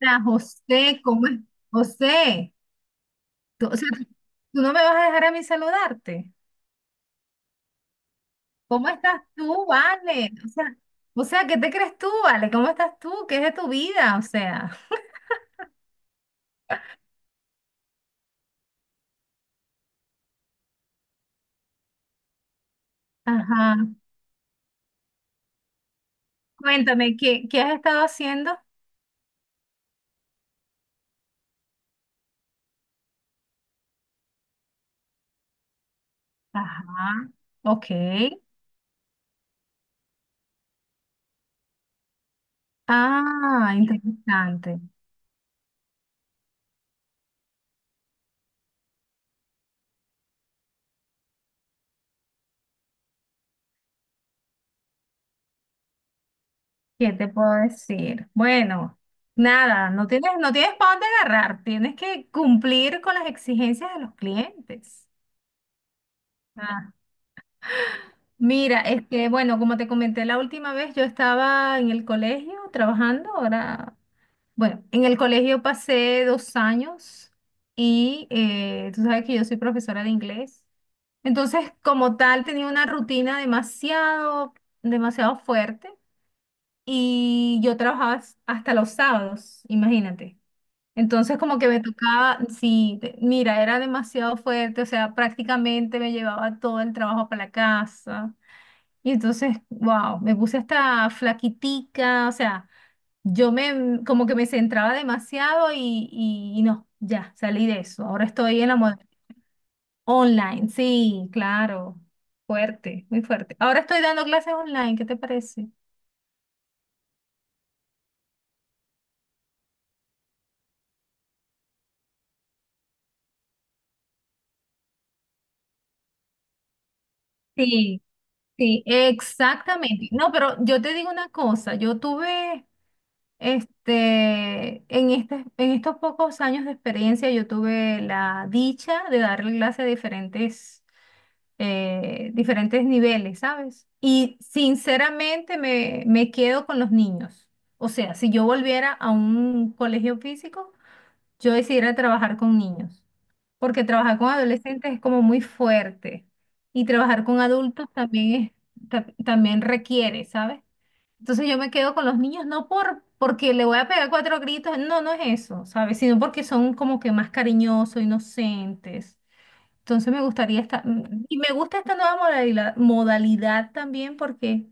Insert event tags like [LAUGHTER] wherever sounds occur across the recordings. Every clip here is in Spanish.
Hola, José, ¿cómo es? José, tú, o sea, tú no me vas a dejar a mí saludarte. ¿Cómo estás tú, Vale? O sea, ¿qué te crees tú, Vale? ¿Cómo estás tú? ¿Qué es de tu vida? O sea, ajá. Cuéntame, ¿¿qué has estado haciendo? Ajá, ok. Ah, interesante. ¿Qué te puedo decir? Bueno, nada, no tienes para dónde agarrar. Tienes que cumplir con las exigencias de los clientes. Ah, mira, es que, bueno, como te comenté la última vez, yo estaba en el colegio trabajando, ahora, bueno, en el colegio pasé 2 años y tú sabes que yo soy profesora de inglés. Entonces, como tal, tenía una rutina demasiado, demasiado fuerte y yo trabajaba hasta los sábados, imagínate. Entonces, como que me tocaba, sí, mira, era demasiado fuerte, o sea, prácticamente me llevaba todo el trabajo para la casa. Y entonces, wow, me puse hasta flaquitica, o sea, yo como que me centraba demasiado y no, ya, salí de eso. Ahora estoy en la moda online, sí, claro, fuerte, muy fuerte. Ahora estoy dando clases online, ¿qué te parece? Sí, sí, exactamente. No, pero yo te digo una cosa, en en estos pocos años de experiencia, yo tuve la dicha de darle clases a diferentes. Diferentes niveles, ¿sabes? Y sinceramente me quedo con los niños. O sea, si yo volviera a un colegio físico, yo decidiera trabajar con niños, porque trabajar con adolescentes es como muy fuerte y trabajar con adultos también es, también requiere, ¿sabes? Entonces yo me quedo con los niños no porque le voy a pegar 4 gritos, no, no es eso, ¿sabes? Sino porque son como que más cariñosos, inocentes. Entonces me gustaría y me gusta esta nueva modalidad también porque,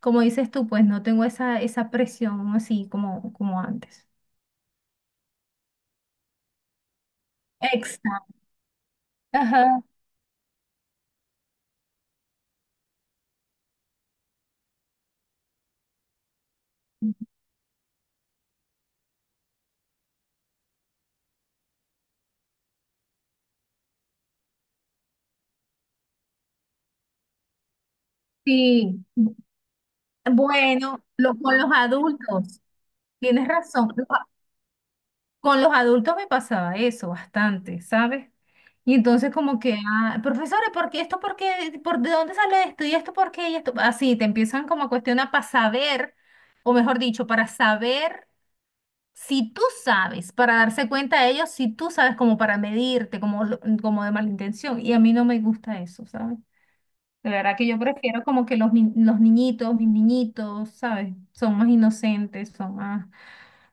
como dices tú, pues no tengo esa presión así como, como antes. Exacto. Ajá. Sí. Bueno, con los adultos, tienes razón. Con los adultos me pasaba eso bastante, ¿sabes? Y entonces como que, ah, profesores, ¿por qué esto? ¿Por qué? ¿Por ¿De dónde sale esto? ¿Y esto por qué? ¿Y esto? Así, te empiezan como a cuestionar para saber, o mejor dicho, para saber. Si tú sabes, para darse cuenta de ellos, si tú sabes como para medirte, como, como de mala intención, y a mí no me gusta eso, ¿sabes? De verdad que yo prefiero como que los, ni- los niñitos, mis niñitos, ¿sabes? Son más inocentes, son más,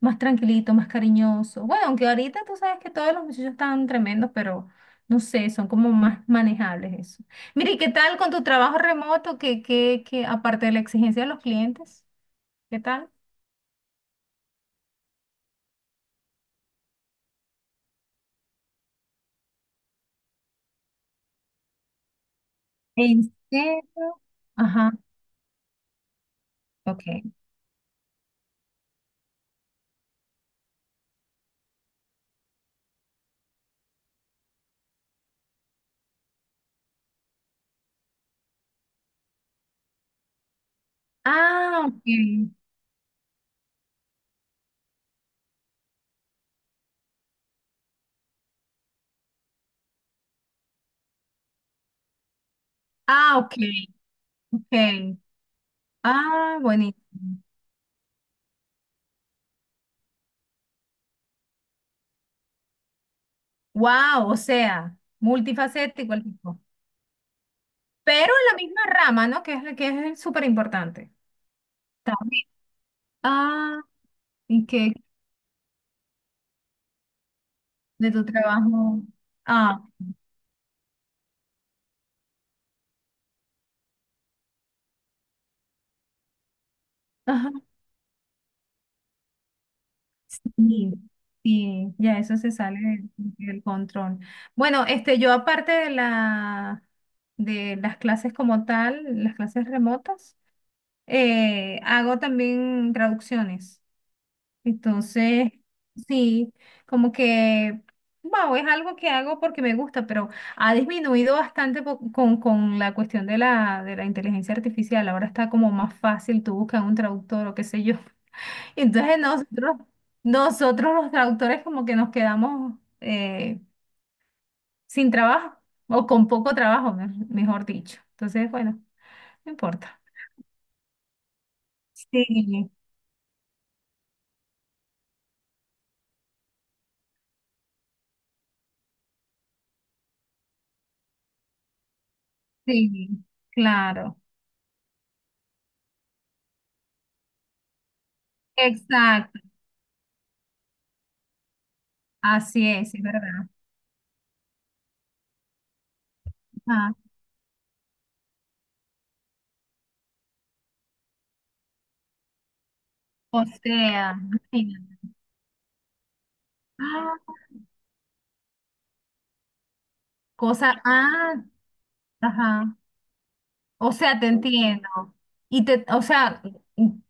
más tranquilitos, más cariñosos. Bueno, aunque ahorita tú sabes que todos los muchachos están tremendos, pero no sé, son como más manejables eso. Mire, ¿y qué tal con tu trabajo remoto? Que aparte de la exigencia de los clientes, ¿qué tal? ¿En serio? Ajá, ok. Ah, ok. Ah, ok. Ok. Ah, buenísimo. Wow, o sea, multifacético el tipo. Pero en la misma rama, ¿no? Que es, que es súper importante. También. Ah, ¿y qué? De tu trabajo. Ah, ajá. Sí, sí, ya eso se sale del control. Bueno, este, yo aparte de de las clases como tal, las clases remotas, hago también traducciones. Entonces, sí, como que, wow, es algo que hago porque me gusta, pero ha disminuido bastante con la cuestión de de la inteligencia artificial. Ahora está como más fácil, tú buscas un traductor o qué sé yo. [LAUGHS] Entonces nosotros los traductores como que nos quedamos sin trabajo o con poco trabajo, mejor dicho. Entonces, bueno, no importa. Sí, sí, claro. Exacto. Así es verdad. O sea, imagina. Ah, cosa, ah, ajá. O sea, te entiendo. Y te, o sea,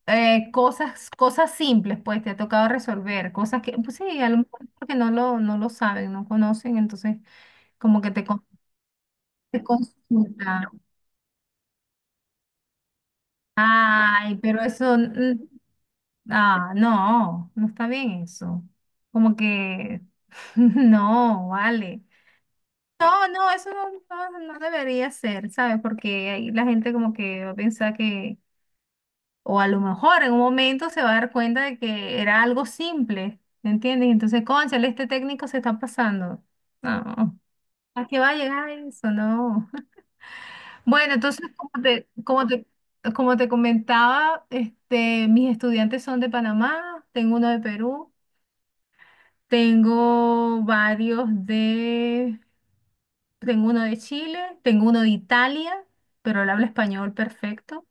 cosas simples, pues, te ha tocado resolver, cosas que, pues sí, a lo mejor es porque no lo saben, no conocen, entonces como que te, te consultan. Ay, pero eso, ah, no, no está bien eso. Como que, [LAUGHS] no, vale. No, no, eso no, no, no debería ser, ¿sabes? Porque ahí la gente como que va a pensar que, o a lo mejor en un momento se va a dar cuenta de que era algo simple, ¿me entiendes? Entonces, cónchale, este técnico se está pasando. No, ¿a qué va a llegar eso? No. [LAUGHS] Bueno, entonces, como te comentaba, este, mis estudiantes son de Panamá, tengo uno de Perú, tengo varios. Tengo uno de Chile, tengo uno de Italia, pero él habla español perfecto.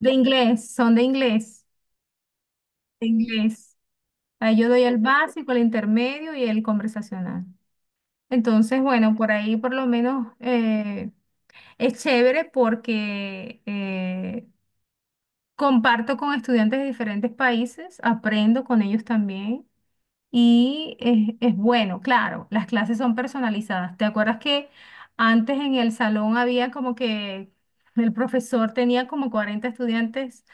De inglés, son de inglés, de inglés. Ahí yo doy el básico, el intermedio y el conversacional. Entonces, bueno, por ahí por lo menos es chévere porque comparto con estudiantes de diferentes países, aprendo con ellos también. Y es bueno, claro, las clases son personalizadas. ¿Te acuerdas que antes en el salón había como que el profesor tenía como 40 estudiantes,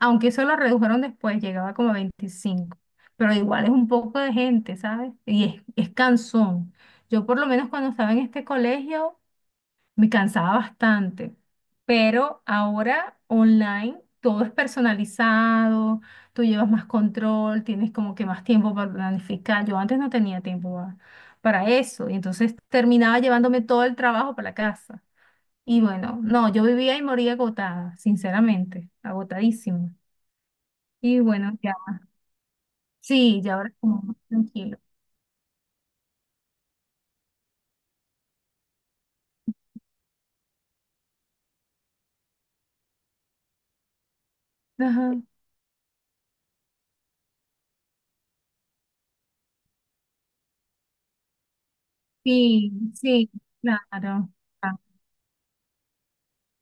aunque eso lo redujeron después, llegaba como a 25, pero igual es un poco de gente, ¿sabes? Y es cansón. Yo por lo menos cuando estaba en este colegio me cansaba bastante, pero ahora online todo es personalizado, tú llevas más control, tienes como que más tiempo para planificar. Yo antes no tenía tiempo para eso y entonces terminaba llevándome todo el trabajo para la casa. Y bueno, no, yo vivía y moría agotada, sinceramente, agotadísima. Y bueno, ya, sí, ya ahora es como más tranquilo. Ajá. Sí, sí, claro, ah,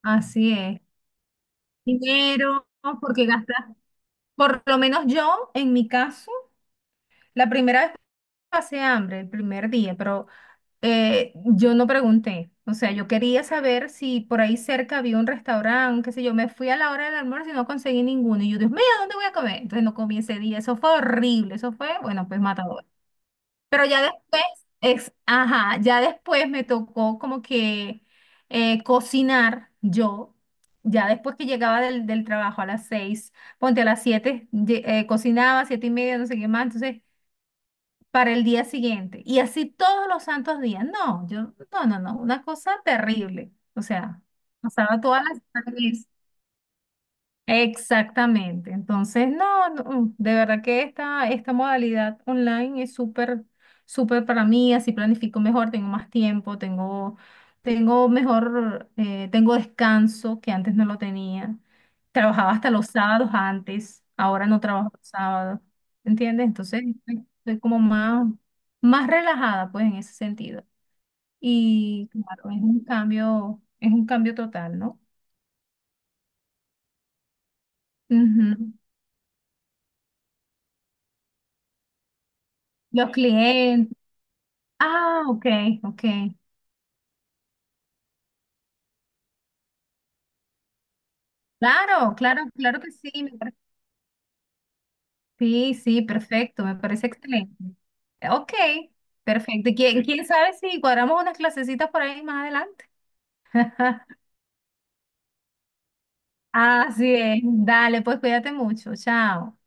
así es, dinero, porque gastar, por lo menos yo, en mi caso, la primera vez pasé hambre, el primer día, pero yo no pregunté. O sea, yo quería saber si por ahí cerca había un restaurante, qué sé yo. Me fui a la hora del almuerzo y no conseguí ninguno. Y yo, Dios mío, ¿dónde voy a comer? Entonces no comí ese día. Eso fue horrible. Eso fue, bueno, pues matador. Pero ya después, es, ajá, ya después me tocó como que cocinar yo. Ya después que llegaba del trabajo a las 6, ponte a las 7, cocinaba, 7 y media, no sé qué más, entonces para el día siguiente. Y así todos los santos días. No, yo, no, no, no, una cosa terrible. O sea, pasaba todas las... Exactamente. Entonces, no, no, de verdad que esta modalidad online es súper, súper para mí, así planifico mejor, tengo más tiempo, tengo, tengo mejor, tengo descanso que antes no lo tenía. Trabajaba hasta los sábados antes, ahora no trabajo los sábados, ¿entiendes? Entonces, estoy como más, más relajada, pues, en ese sentido. Y claro, es un cambio total, ¿no? Ujú. Los clientes. Ah, ok, ok. Claro, claro, claro que sí, me pare-. Sí, sí, perfecto, me parece excelente. Ok, perfecto. ¿Y quién, quién sabe si cuadramos unas clasecitas por ahí más adelante? [LAUGHS] Así es. Dale, pues cuídate mucho. Chao.